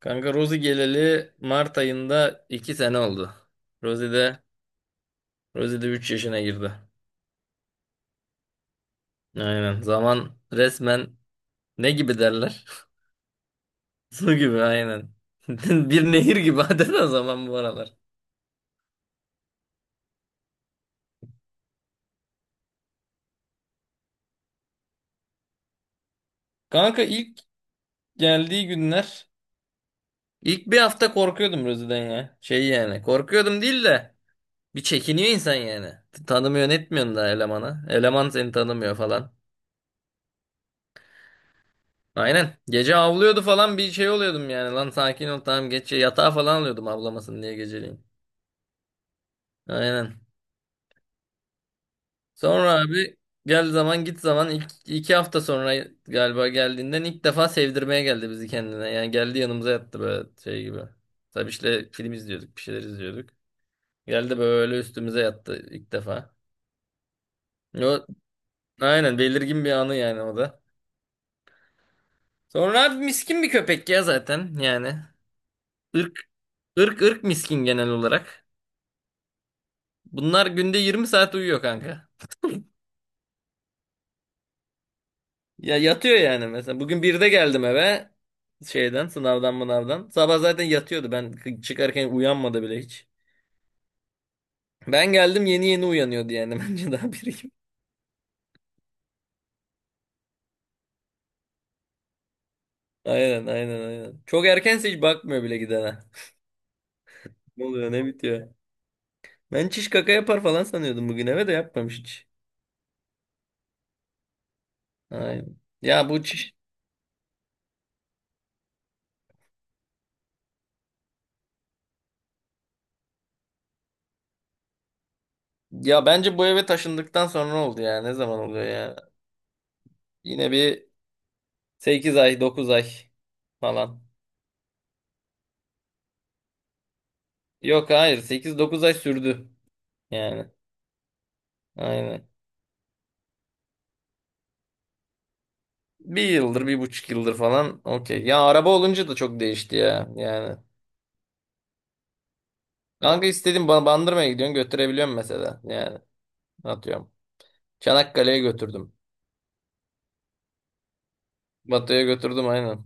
Kanka Rosie geleli Mart ayında 2 sene oldu. Rosie de Rosie de 3 yaşına girdi. Aynen. Zaman resmen ne gibi derler? Su gibi aynen. Bir nehir gibi adeta zaman bu aralar. Kanka ilk geldiği günler ilk bir hafta korkuyordum Rosie'den ya. Şey yani korkuyordum değil de bir çekiniyor insan yani. Tanımıyorsun etmiyorsun da elemana. Eleman seni tanımıyor falan. Aynen. Gece avlıyordu falan bir şey oluyordum yani. Lan sakin ol tamam geç. Yatağa falan alıyordum avlamasın diye geceleyin. Aynen. Sonra abi gel zaman git zaman ilk, 2 hafta sonra galiba geldiğinden ilk defa sevdirmeye geldi bizi kendine. Yani geldi yanımıza yattı böyle şey gibi. Tabii işte film izliyorduk bir şeyler izliyorduk. Geldi böyle üstümüze yattı ilk defa. O, aynen belirgin bir anı yani o da. Sonra abi miskin bir köpek ya zaten yani. Irk, ırk miskin genel olarak. Bunlar günde 20 saat uyuyor kanka. Ya yatıyor yani mesela. Bugün birde geldim eve. Şeyden sınavdan mınavdan. Sabah zaten yatıyordu. Ben çıkarken uyanmadı bile hiç. Ben geldim yeni yeni uyanıyordu yani. Bence daha biri gibi. Aynen aynen aynen. Çok erkense hiç bakmıyor bile gidene. Ne oluyor ne bitiyor. Ben çiş kaka yapar falan sanıyordum bugün eve de yapmamış hiç. Aynen. Ya bu çiş... Ya bence bu eve taşındıktan sonra oldu ya. Ne zaman oluyor ya? Yine bir 8 ay 9 ay falan. Yok hayır 8-9 ay sürdü. Yani aynen. Bir yıldır 1,5 yıldır falan okey. Ya araba olunca da çok değişti ya yani. Kanka istediğim Bandırma'ya gidiyorsun götürebiliyorum mesela yani atıyorum. Çanakkale'ye götürdüm. Batı'ya götürdüm aynen.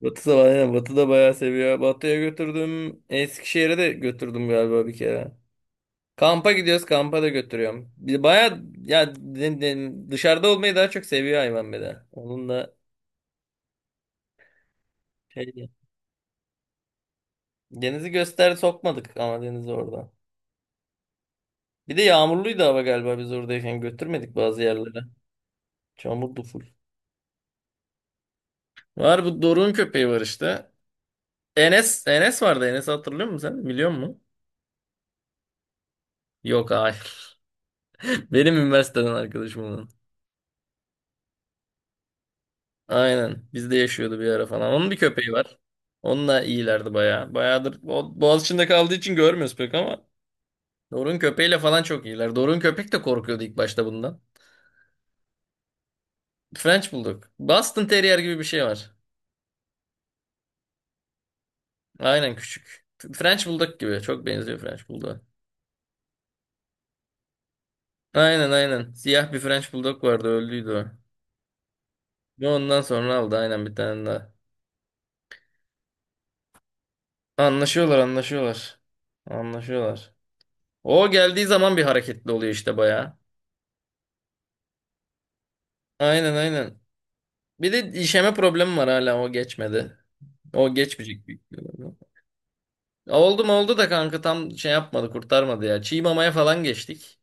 Batı da aynen Batı da bayağı seviyor. Batı'ya götürdüm. Eskişehir'e de götürdüm galiba bir kere. Kampa gidiyoruz kampa da götürüyorum. Bir bayağı ya dışarıda olmayı daha çok seviyor hayvan bir de. Onun da şey Deniz'i göster sokmadık ama Deniz orada. Bir de yağmurluydu hava galiba biz oradayken götürmedik bazı yerlere. Çamurdu full. Var bu Doruk'un köpeği var işte. Enes vardı. Enes hatırlıyor musun sen? Biliyor musun? Yok hayır. Benim üniversiteden arkadaşım onun. Aynen. Bizde yaşıyordu bir ara falan. Onun bir köpeği var. Onunla iyilerdi bayağı. Bayağıdır Boğaziçi'nde kaldığı için görmüyoruz pek ama. Doruk'un köpeğiyle falan çok iyiler. Doruk'un köpek de korkuyordu ilk başta bundan. French Bulldog. Boston Terrier gibi bir şey var. Aynen küçük. French Bulldog gibi. Çok benziyor French Bulldog'a. Aynen aynen. Siyah bir French Bulldog vardı öldüydü o. Ve ondan sonra aldı aynen bir tane daha. Anlaşıyorlar anlaşıyorlar. Anlaşıyorlar. O geldiği zaman bir hareketli oluyor işte bayağı. Aynen aynen. Bir de işeme problemi var hala o geçmedi. O geçmeyecek büyük ihtimalle. Oldu mu oldu da kanka tam şey yapmadı kurtarmadı ya. Çiğ mamaya falan geçtik.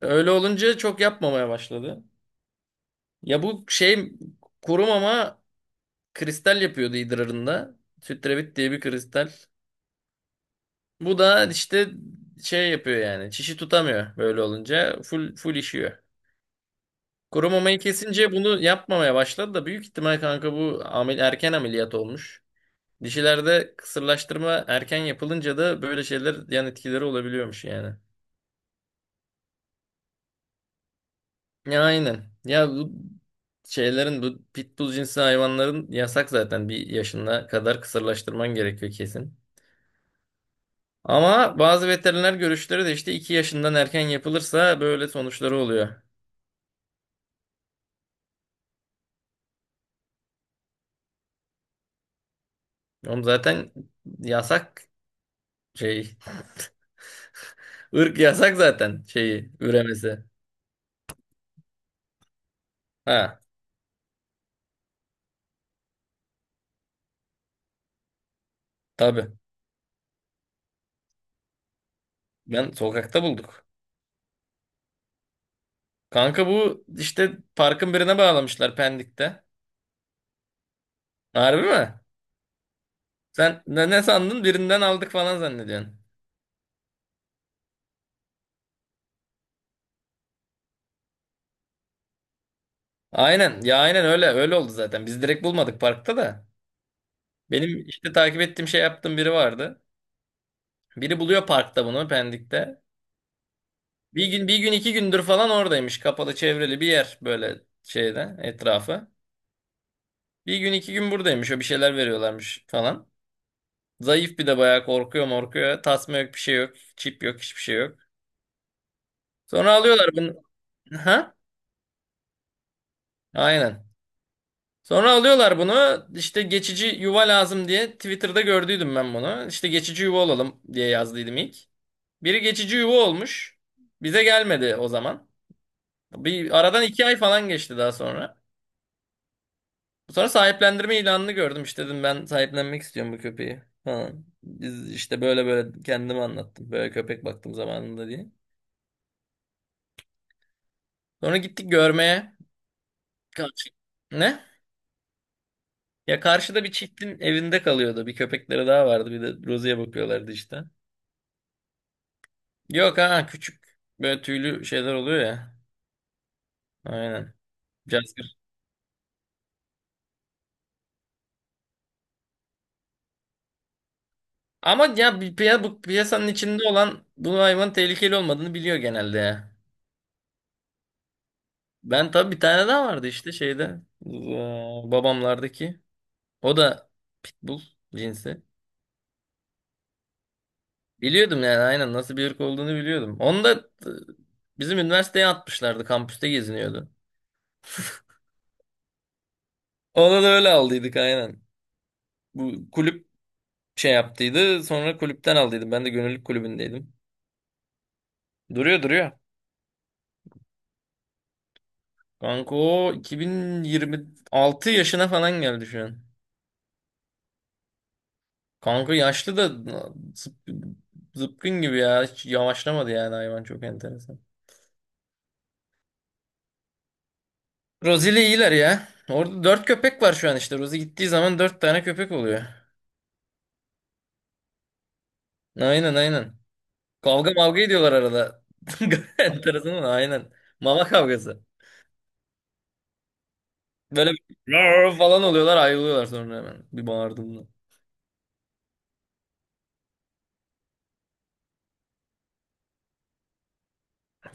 Öyle olunca çok yapmamaya başladı. Ya bu şey kurumama Kristal yapıyordu idrarında. Sütrevit diye bir kristal. Bu da işte şey yapıyor yani. Çişi tutamıyor böyle olunca. Full full işiyor. Kuru mamayı kesince bunu yapmamaya başladı da büyük ihtimal kanka bu erken ameliyat olmuş. Dişilerde kısırlaştırma erken yapılınca da böyle şeyler yan etkileri olabiliyormuş yani. Ya aynen. Ya bu şeylerin bu pitbull cinsi hayvanların yasak zaten bir yaşına kadar kısırlaştırman gerekiyor kesin. Ama bazı veteriner görüşleri de işte 2 yaşından erken yapılırsa böyle sonuçları oluyor. Oğlum zaten yasak şey. ırk yasak zaten şeyi üremesi. Ha tabii. Ben sokakta bulduk. Kanka bu işte parkın birine bağlamışlar Pendik'te. Harbi mi? Sen ne sandın? Birinden aldık falan zannediyorsun. Aynen. Ya aynen öyle. Öyle oldu zaten. Biz direkt bulmadık parkta da. Benim işte takip ettiğim şey yaptığım biri vardı. Biri buluyor parkta bunu Pendik'te. Bir gün bir gün iki gündür falan oradaymış. Kapalı çevreli bir yer böyle şeyde etrafı. Bir gün iki gün buradaymış. O bir şeyler veriyorlarmış falan. Zayıf bir de bayağı korkuyor morkuyor. Tasma yok bir şey yok. Çip yok hiçbir şey yok. Sonra alıyorlar bunu. Ha? Aynen. Sonra alıyorlar bunu işte geçici yuva lazım diye Twitter'da gördüydüm ben bunu. İşte geçici yuva olalım diye yazdıydım ilk. Biri geçici yuva olmuş. Bize gelmedi o zaman. Bir aradan 2 ay falan geçti daha sonra. Sonra sahiplendirme ilanını gördüm. İşte dedim ben sahiplenmek istiyorum bu köpeği falan. Biz işte böyle böyle kendime anlattım. Böyle köpek baktım zamanında diye. Sonra gittik görmeye. Karşı. Ne? Ya karşıda bir çiftin evinde kalıyordu. Bir köpekleri daha vardı. Bir de Rozi'ye bakıyorlardı işte. Yok ha küçük. Böyle tüylü şeyler oluyor ya. Aynen. Jasper. Ama ya bir bu piyasanın içinde olan bu hayvanın tehlikeli olmadığını biliyor genelde ya. Ben tabii bir tane daha vardı işte şeyde. Babamlardaki. O da pitbull cinsi. Biliyordum yani aynen nasıl bir ırk olduğunu biliyordum. Onu da e, bizim üniversiteye atmışlardı. Kampüste geziniyordu. Ona da öyle aldıydık aynen. Bu kulüp şey yaptıydı. Sonra kulüpten aldıydım. Ben de gönüllülük kulübündeydim. Duruyor duruyor. Kanka o 2026 yaşına falan geldi şu an. Kanka yaşlı da zıp- zıpkın gibi ya. Hiç yavaşlamadı yani hayvan çok enteresan. Rosie ile iyiler ya. Orada 4 köpek var şu an işte. Rosie gittiği zaman 4 tane köpek oluyor. Aynen aynen. Kavga mavga ediyorlar arada. Enteresan ama aynen. Mama kavgası. Böyle bir "Rar" falan oluyorlar ayrılıyorlar sonra hemen. Bir bağırdığımda.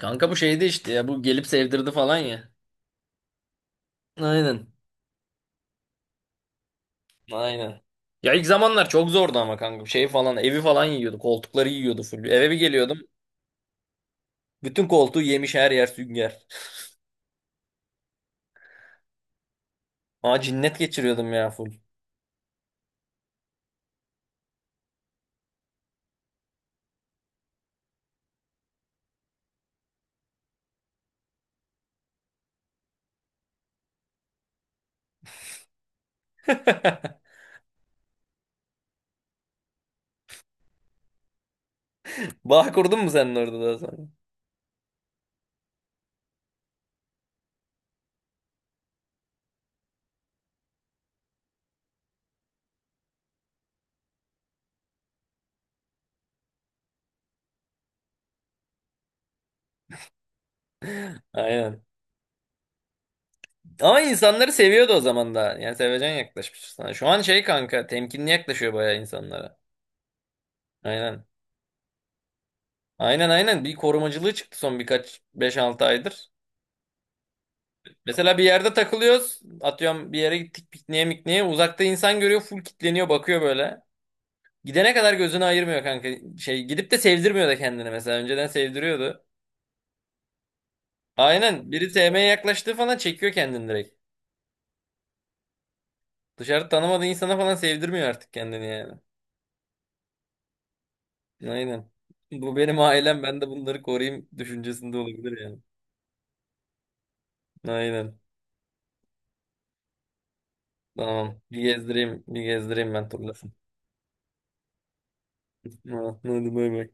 Kanka bu şeydi işte ya. Bu gelip sevdirdi falan ya. Aynen. Aynen. Ya ilk zamanlar çok zordu ama kanka. Şey falan evi falan yiyordu. Koltukları yiyordu full. Eve bir geliyordum. Bütün koltuğu yemiş her yer sünger. Aa cinnet geçiriyordum ya full. Bağ kurdun mu sen orada daha sonra? Aynen. Ama insanları seviyordu o zaman da. Yani sevecen yaklaşmış sana. Şu an şey kanka temkinli yaklaşıyor bayağı insanlara. Aynen. Aynen aynen bir korumacılığı çıktı son birkaç 5-6 aydır. Mesela bir yerde takılıyoruz. Atıyorum bir yere gittik pikniğe mikniğe. Uzakta insan görüyor full kitleniyor bakıyor böyle. Gidene kadar gözünü ayırmıyor kanka. Şey gidip de sevdirmiyor da kendini mesela. Önceden sevdiriyordu. Aynen biri sevmeye yaklaştığı falan çekiyor kendini direkt. Dışarı tanımadığı insana falan sevdirmiyor artık kendini yani. Aynen. Bu benim ailem ben de bunları koruyayım düşüncesinde olabilir yani. Aynen. Tamam. Bir gezdireyim, bir gezdireyim ben turlasın. Ha, hadi bay bay.